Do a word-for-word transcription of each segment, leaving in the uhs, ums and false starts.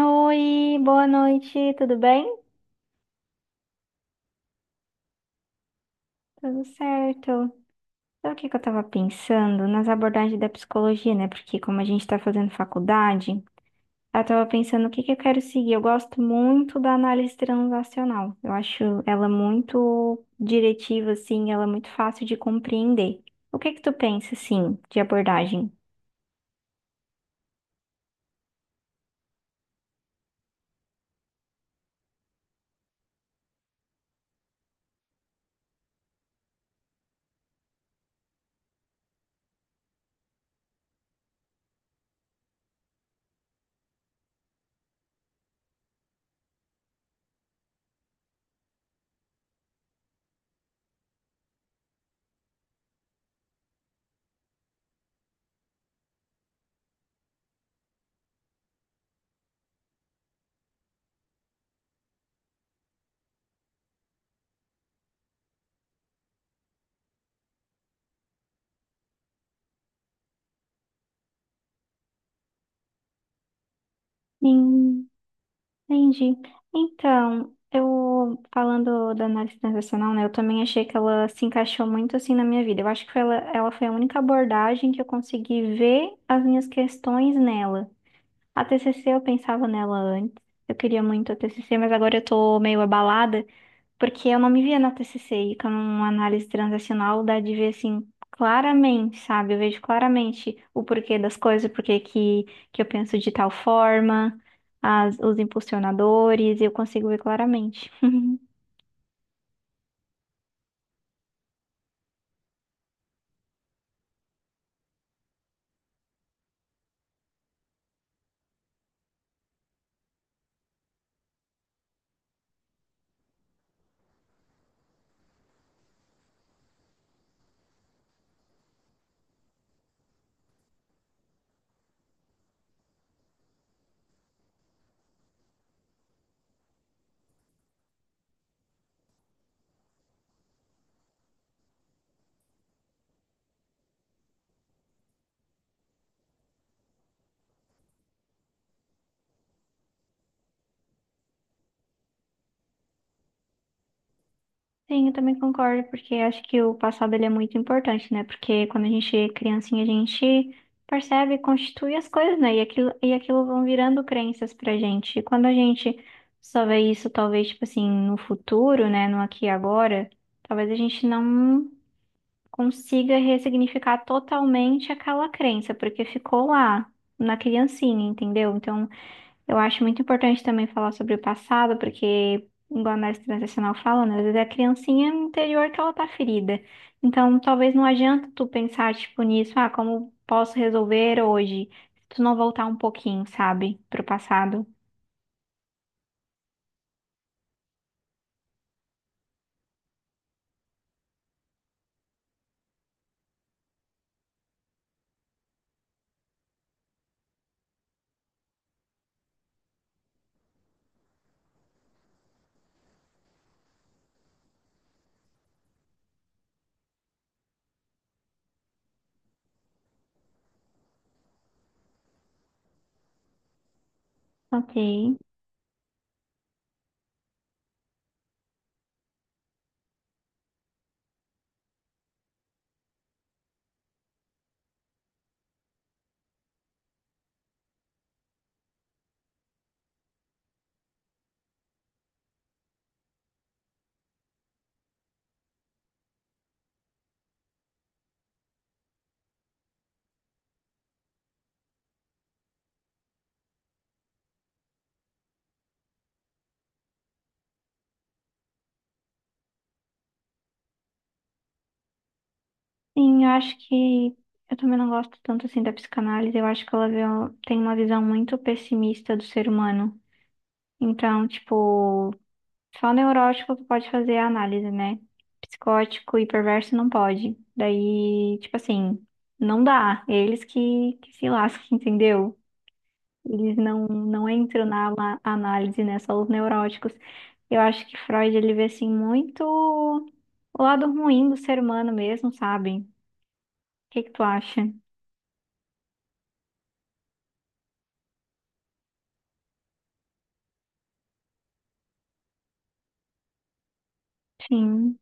Oi, boa noite, tudo bem? Tudo certo. Sabe o que que eu tava pensando? Nas abordagens da psicologia, né? Porque como a gente tá fazendo faculdade, eu tava pensando o que que eu quero seguir. Eu gosto muito da análise transacional. Eu acho ela muito diretiva, assim, ela é muito fácil de compreender. O que que tu pensa, assim, de abordagem? Sim. Entendi. Então, eu falando da análise transacional, né, eu também achei que ela se encaixou muito assim na minha vida. Eu acho que foi ela, ela foi a única abordagem que eu consegui ver as minhas questões nela. A T C C eu pensava nela antes. Eu queria muito a T C C, mas agora eu tô meio abalada porque eu não me via na T C C e com uma análise transacional dá de ver assim claramente, sabe? Eu vejo claramente o porquê das coisas, o porquê que, que eu penso de tal forma, as, os impulsionadores, eu consigo ver claramente. Sim, eu também concordo, porque eu acho que o passado ele é muito importante, né? Porque quando a gente é criancinha, a gente percebe, constitui as coisas, né? E aquilo, e aquilo vão virando crenças pra gente. E quando a gente só vê isso, talvez, tipo assim, no futuro, né? No aqui e agora, talvez a gente não consiga ressignificar totalmente aquela crença, porque ficou lá na criancinha, entendeu? Então. Eu acho muito importante também falar sobre o passado, porque, igual a análise transacional fala, né, às vezes é a criancinha interior que ela tá ferida. Então, talvez não adianta tu pensar, tipo, nisso, ah, como posso resolver hoje? Se tu não voltar um pouquinho, sabe, pro passado. Ok. Sim, eu acho que eu também não gosto tanto assim da psicanálise. Eu acho que ela vê- tem uma visão muito pessimista do ser humano. Então, tipo, só neurótico que pode fazer a análise, né? Psicótico e perverso não pode. Daí, tipo assim, não dá. Eles que, que se lascam, entendeu? Eles não, não entram na ala- análise, né? Só os neuróticos. Eu acho que Freud, ele vê, assim, muito o lado ruim do ser humano mesmo, sabe? O que que tu acha? Sim.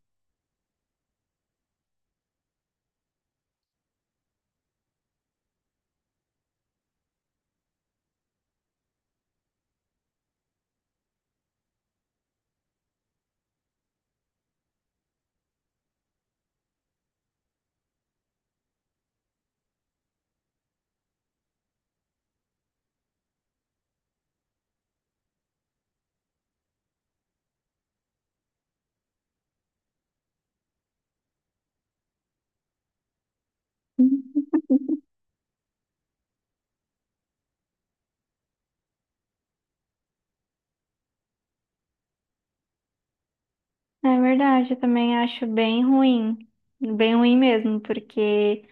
É verdade, eu também acho bem ruim. Bem ruim mesmo, porque...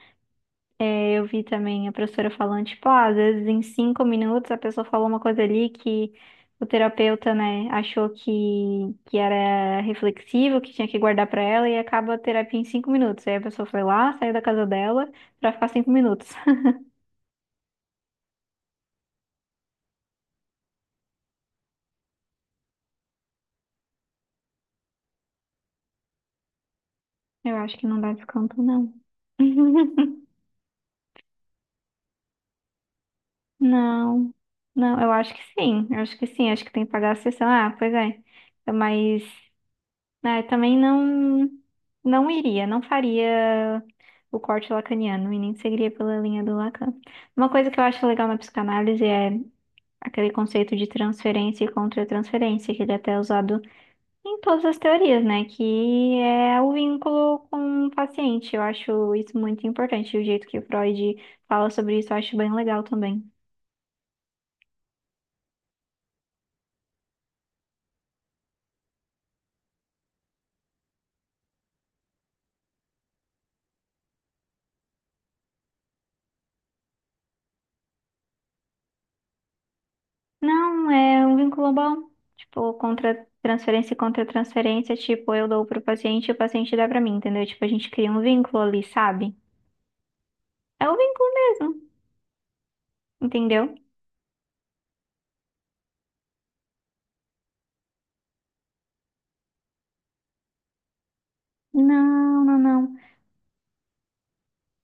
É, eu vi também a professora falando, tipo, ah, às vezes em cinco minutos a pessoa falou uma coisa ali que o terapeuta, né, achou que, que era reflexivo, que tinha que guardar pra ela e acaba a terapia em cinco minutos. Aí a pessoa foi lá, saiu da casa dela pra ficar cinco minutos. Eu acho que não dá desconto, não. Não, não, eu acho que sim, eu acho que sim, acho que tem que pagar a sessão. Ah, pois é, mas né, também não, não iria, não faria o corte lacaniano e nem seguiria pela linha do Lacan. Uma coisa que eu acho legal na psicanálise é aquele conceito de transferência e contra-transferência, que ele é até é usado em todas as teorias, né? Que é o vínculo com o paciente. Eu acho isso muito importante. E o jeito que o Freud fala sobre isso, eu acho bem legal também. Não, é um vínculo bom. Tipo, contra transferência e contra transferência, tipo, eu dou pro paciente e o paciente dá pra mim, entendeu? Tipo, a gente cria um vínculo ali, sabe? É o vínculo mesmo, entendeu? Não, não, não.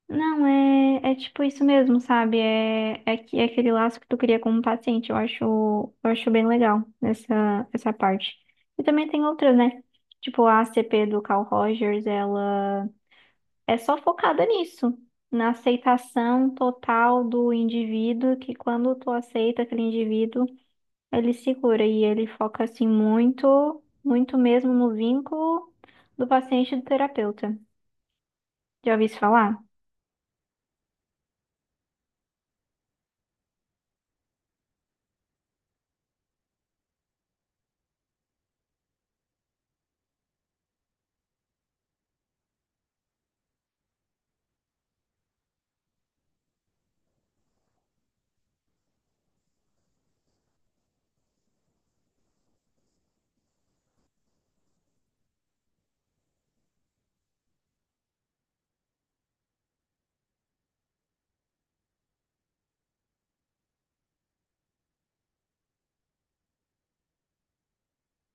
Não, é, é tipo isso mesmo, sabe? É, é, que- é aquele laço que tu cria com o paciente. Eu acho, eu acho bem legal essa, essa parte. E também tem outras, né? Tipo, a ACP do Carl Rogers, ela é só focada nisso, na aceitação total do indivíduo, que quando tu aceita aquele indivíduo, ele segura e ele foca assim muito, muito mesmo no vínculo do paciente e do terapeuta. Já ouvi isso falar?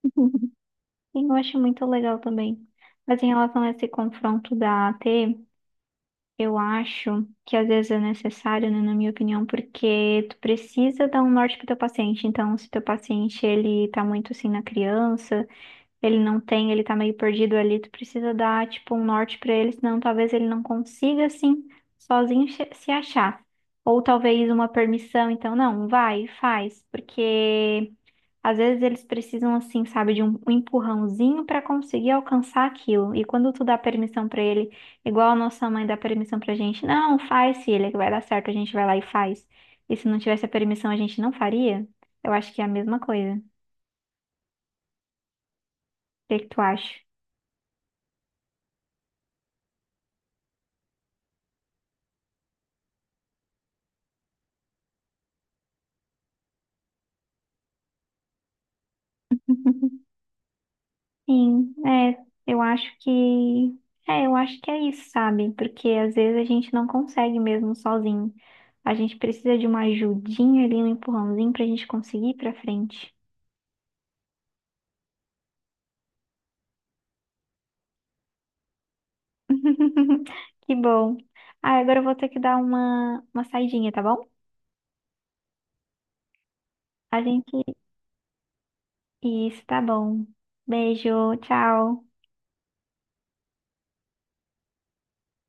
E eu acho muito legal também. Mas em relação a esse confronto da A T, eu acho que às vezes é necessário, né, na minha opinião, porque tu precisa dar um norte pro teu paciente. Então, se teu paciente ele tá muito assim na criança, ele não tem, ele tá meio perdido ali, tu precisa dar, tipo, um norte pra ele, senão talvez ele não consiga, assim, sozinho che- se achar. Ou talvez uma permissão, então, não, vai, faz, porque às vezes eles precisam, assim, sabe, de um, um empurrãozinho pra conseguir alcançar aquilo. E quando tu dá permissão pra ele, igual a nossa mãe dá permissão pra gente, não, faz, filha, que vai dar certo, a gente vai lá e faz. E se não tivesse a permissão, a gente não faria? Eu acho que é a mesma coisa. O que que tu acha? Sim, é, eu acho que é, eu acho que é isso, sabe? Porque às vezes a gente não consegue mesmo sozinho. A gente precisa de uma ajudinha ali, um empurrãozinho pra gente conseguir ir pra frente. Que bom. Ah, agora eu vou ter que dar uma, uma saidinha, tá bom? A gente. Isso, tá bom. Beijo, tchau.